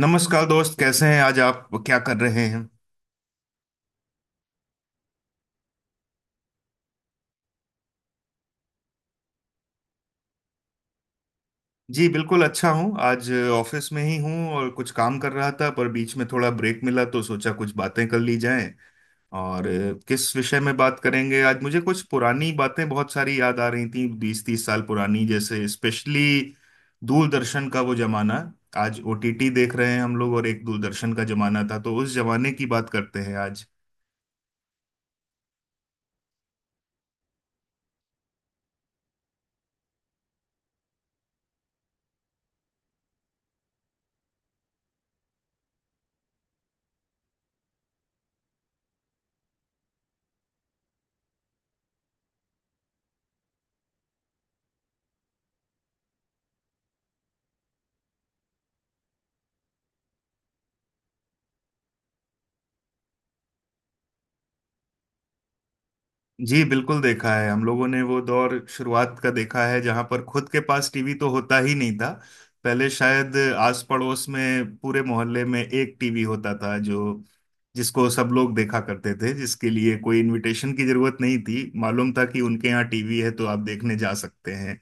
नमस्कार दोस्त, कैसे हैं? आज आप क्या कर रहे हैं? जी बिल्कुल अच्छा हूँ। आज ऑफिस में ही हूँ और कुछ काम कर रहा था, पर बीच में थोड़ा ब्रेक मिला तो सोचा कुछ बातें कर ली जाएं। किस विषय में बात करेंगे आज? मुझे कुछ पुरानी बातें बहुत सारी याद आ रही थी, 20 30 साल पुरानी, जैसे स्पेशली दूरदर्शन का वो जमाना। आज ओटीटी देख रहे हैं हम लोग, और एक दूरदर्शन का जमाना था, तो उस जमाने की बात करते हैं आज। जी बिल्कुल देखा है हम लोगों ने वो दौर, शुरुआत का देखा है जहां पर खुद के पास टीवी तो होता ही नहीं था। पहले शायद आस पड़ोस में, पूरे मोहल्ले में एक टीवी होता था जो जिसको सब लोग देखा करते थे, जिसके लिए कोई इनविटेशन की जरूरत नहीं थी, मालूम था कि उनके यहाँ टीवी है तो आप देखने जा सकते हैं।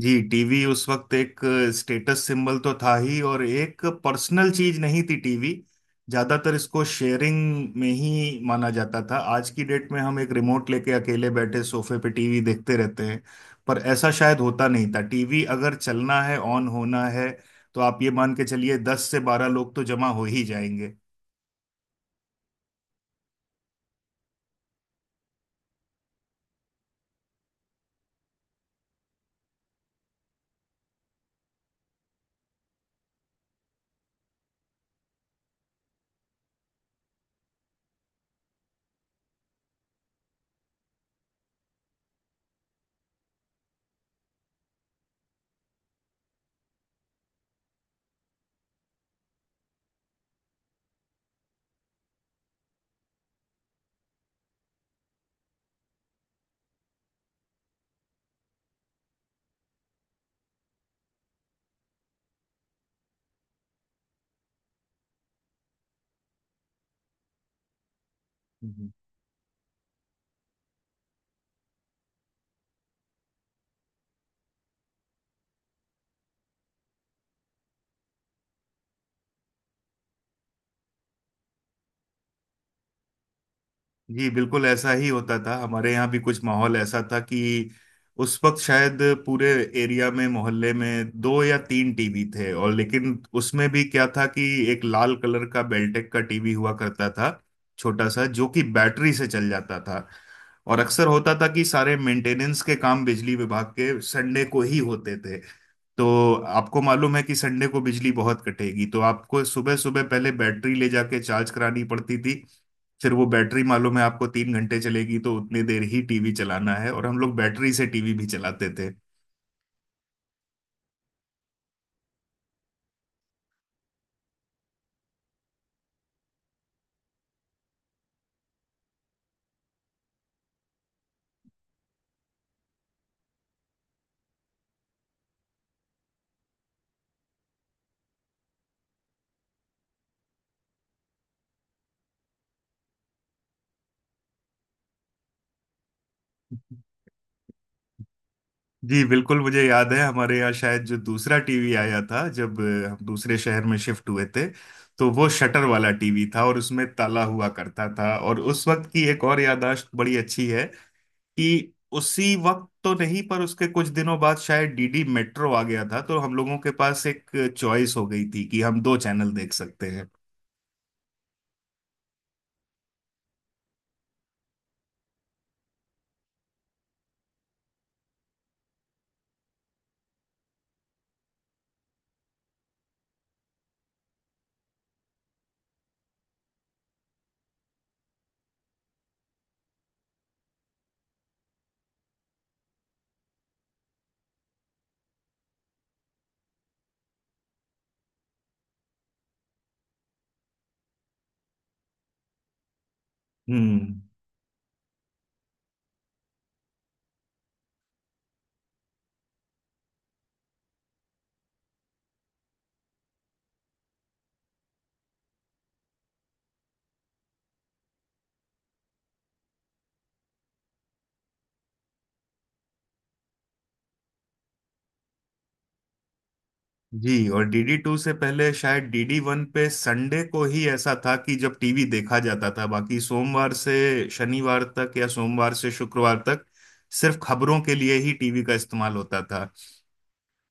जी, टीवी उस वक्त एक स्टेटस सिंबल तो था ही, और एक पर्सनल चीज नहीं थी टीवी। ज्यादातर इसको शेयरिंग में ही माना जाता था। आज की डेट में हम एक रिमोट लेके अकेले बैठे सोफे पे टीवी देखते रहते हैं, पर ऐसा शायद होता नहीं था। टीवी अगर चलना है, ऑन होना है, तो आप ये मान के चलिए 10 से 12 लोग तो जमा हो ही जाएंगे। जी बिल्कुल, ऐसा ही होता था। हमारे यहाँ भी कुछ माहौल ऐसा था कि उस वक्त शायद पूरे एरिया में, मोहल्ले में 2 या 3 टीवी थे। और लेकिन उसमें भी क्या था कि एक लाल कलर का बेल्टेक का टीवी हुआ करता था, छोटा सा, जो कि बैटरी से चल जाता था। और अक्सर होता था कि सारे मेंटेनेंस के काम बिजली विभाग के संडे को ही होते थे। तो आपको मालूम है कि संडे को बिजली बहुत कटेगी, तो आपको सुबह सुबह पहले बैटरी ले जाके चार्ज करानी पड़ती थी। फिर वो बैटरी मालूम है आपको 3 घंटे चलेगी, तो उतनी देर ही टीवी चलाना है, और हम लोग बैटरी से टीवी भी चलाते थे। जी बिल्कुल, मुझे याद है हमारे यहाँ शायद जो दूसरा टीवी आया था, जब हम दूसरे शहर में शिफ्ट हुए थे, तो वो शटर वाला टीवी था और उसमें ताला हुआ करता था। और उस वक्त की एक और याददाश्त बड़ी अच्छी है कि उसी वक्त तो नहीं, पर उसके कुछ दिनों बाद शायद डीडी मेट्रो आ गया था, तो हम लोगों के पास एक चॉइस हो गई थी कि हम 2 चैनल देख सकते हैं। हम्म। जी, और डीडी टू से पहले शायद डीडी वन पे संडे को ही ऐसा था कि जब टीवी देखा जाता था। बाकी सोमवार से शनिवार तक, या सोमवार से शुक्रवार तक, सिर्फ खबरों के लिए ही टीवी का इस्तेमाल होता था।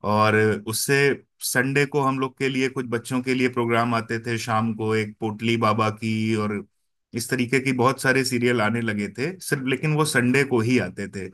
और उससे संडे को हम लोग के लिए कुछ बच्चों के लिए प्रोग्राम आते थे, शाम को एक पोटली बाबा की, और इस तरीके की बहुत सारे सीरियल आने लगे थे। सिर्फ लेकिन वो संडे को ही आते थे।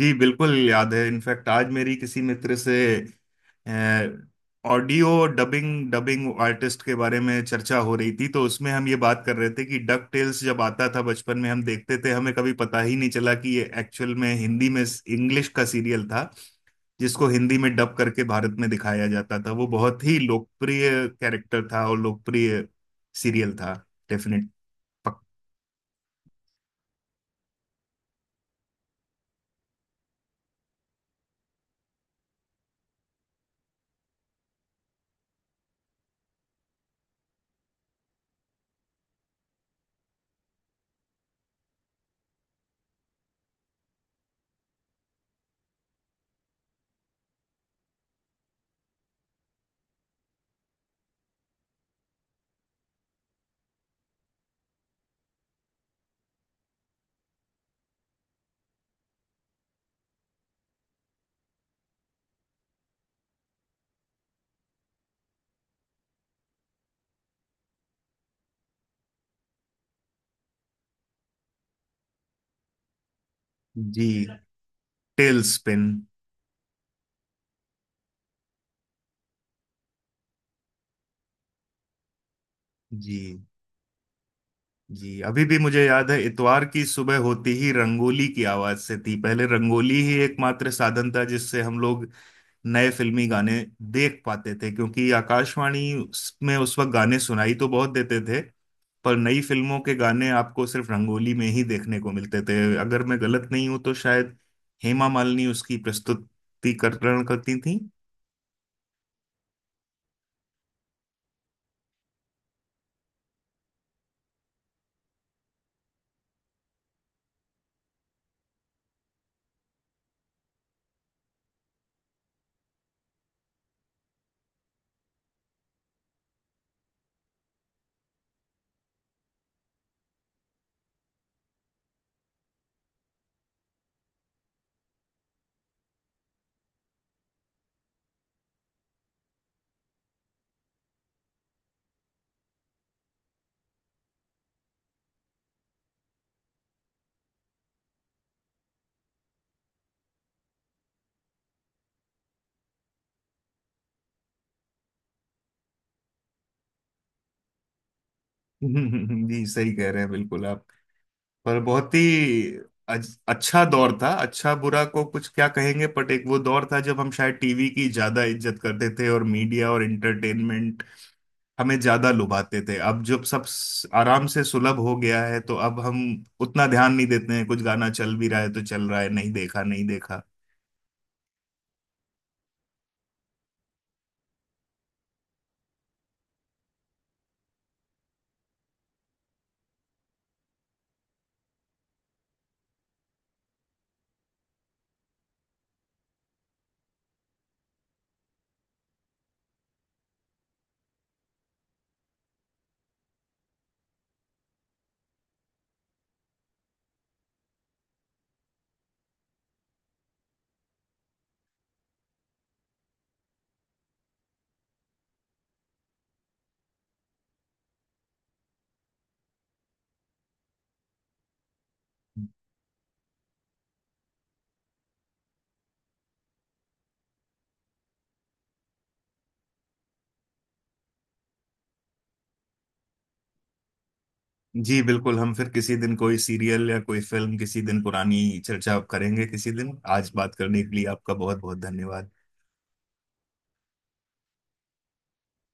जी बिल्कुल याद है। इनफैक्ट आज मेरी किसी मित्र से ऑडियो डबिंग डबिंग आर्टिस्ट के बारे में चर्चा हो रही थी, तो उसमें हम ये बात कर रहे थे कि डक टेल्स जब आता था बचपन में हम देखते थे, हमें कभी पता ही नहीं चला कि ये एक्चुअल में हिंदी में, इंग्लिश का सीरियल था जिसको हिंदी में डब करके भारत में दिखाया जाता था। वो बहुत ही लोकप्रिय कैरेक्टर था और लोकप्रिय सीरियल था। डेफिनेट पक। जी। Tale spin. जी। जी, अभी भी मुझे याद है, इतवार की सुबह होती ही रंगोली की आवाज से थी। पहले रंगोली ही एकमात्र साधन था जिससे हम लोग नए फिल्मी गाने देख पाते थे, क्योंकि आकाशवाणी में उस वक्त गाने सुनाई तो बहुत देते थे, पर नई फिल्मों के गाने आपको सिर्फ रंगोली में ही देखने को मिलते थे। अगर मैं गलत नहीं हूं तो शायद हेमा मालिनी उसकी प्रस्तुतिकरण करती थी। जी, सही कह रहे हैं बिल्कुल आप। पर बहुत ही अच्छा दौर था। अच्छा बुरा को कुछ क्या कहेंगे, बट एक वो दौर था जब हम शायद टीवी की ज्यादा इज्जत करते थे, और मीडिया और एंटरटेनमेंट हमें ज्यादा लुभाते थे। अब जब सब आराम से सुलभ हो गया है, तो अब हम उतना ध्यान नहीं देते हैं। कुछ गाना चल भी रहा है तो चल रहा है, नहीं देखा नहीं देखा। जी बिल्कुल, हम फिर किसी दिन कोई सीरियल या कोई फिल्म किसी दिन पुरानी चर्चा करेंगे किसी दिन। आज बात करने के लिए आपका बहुत बहुत धन्यवाद।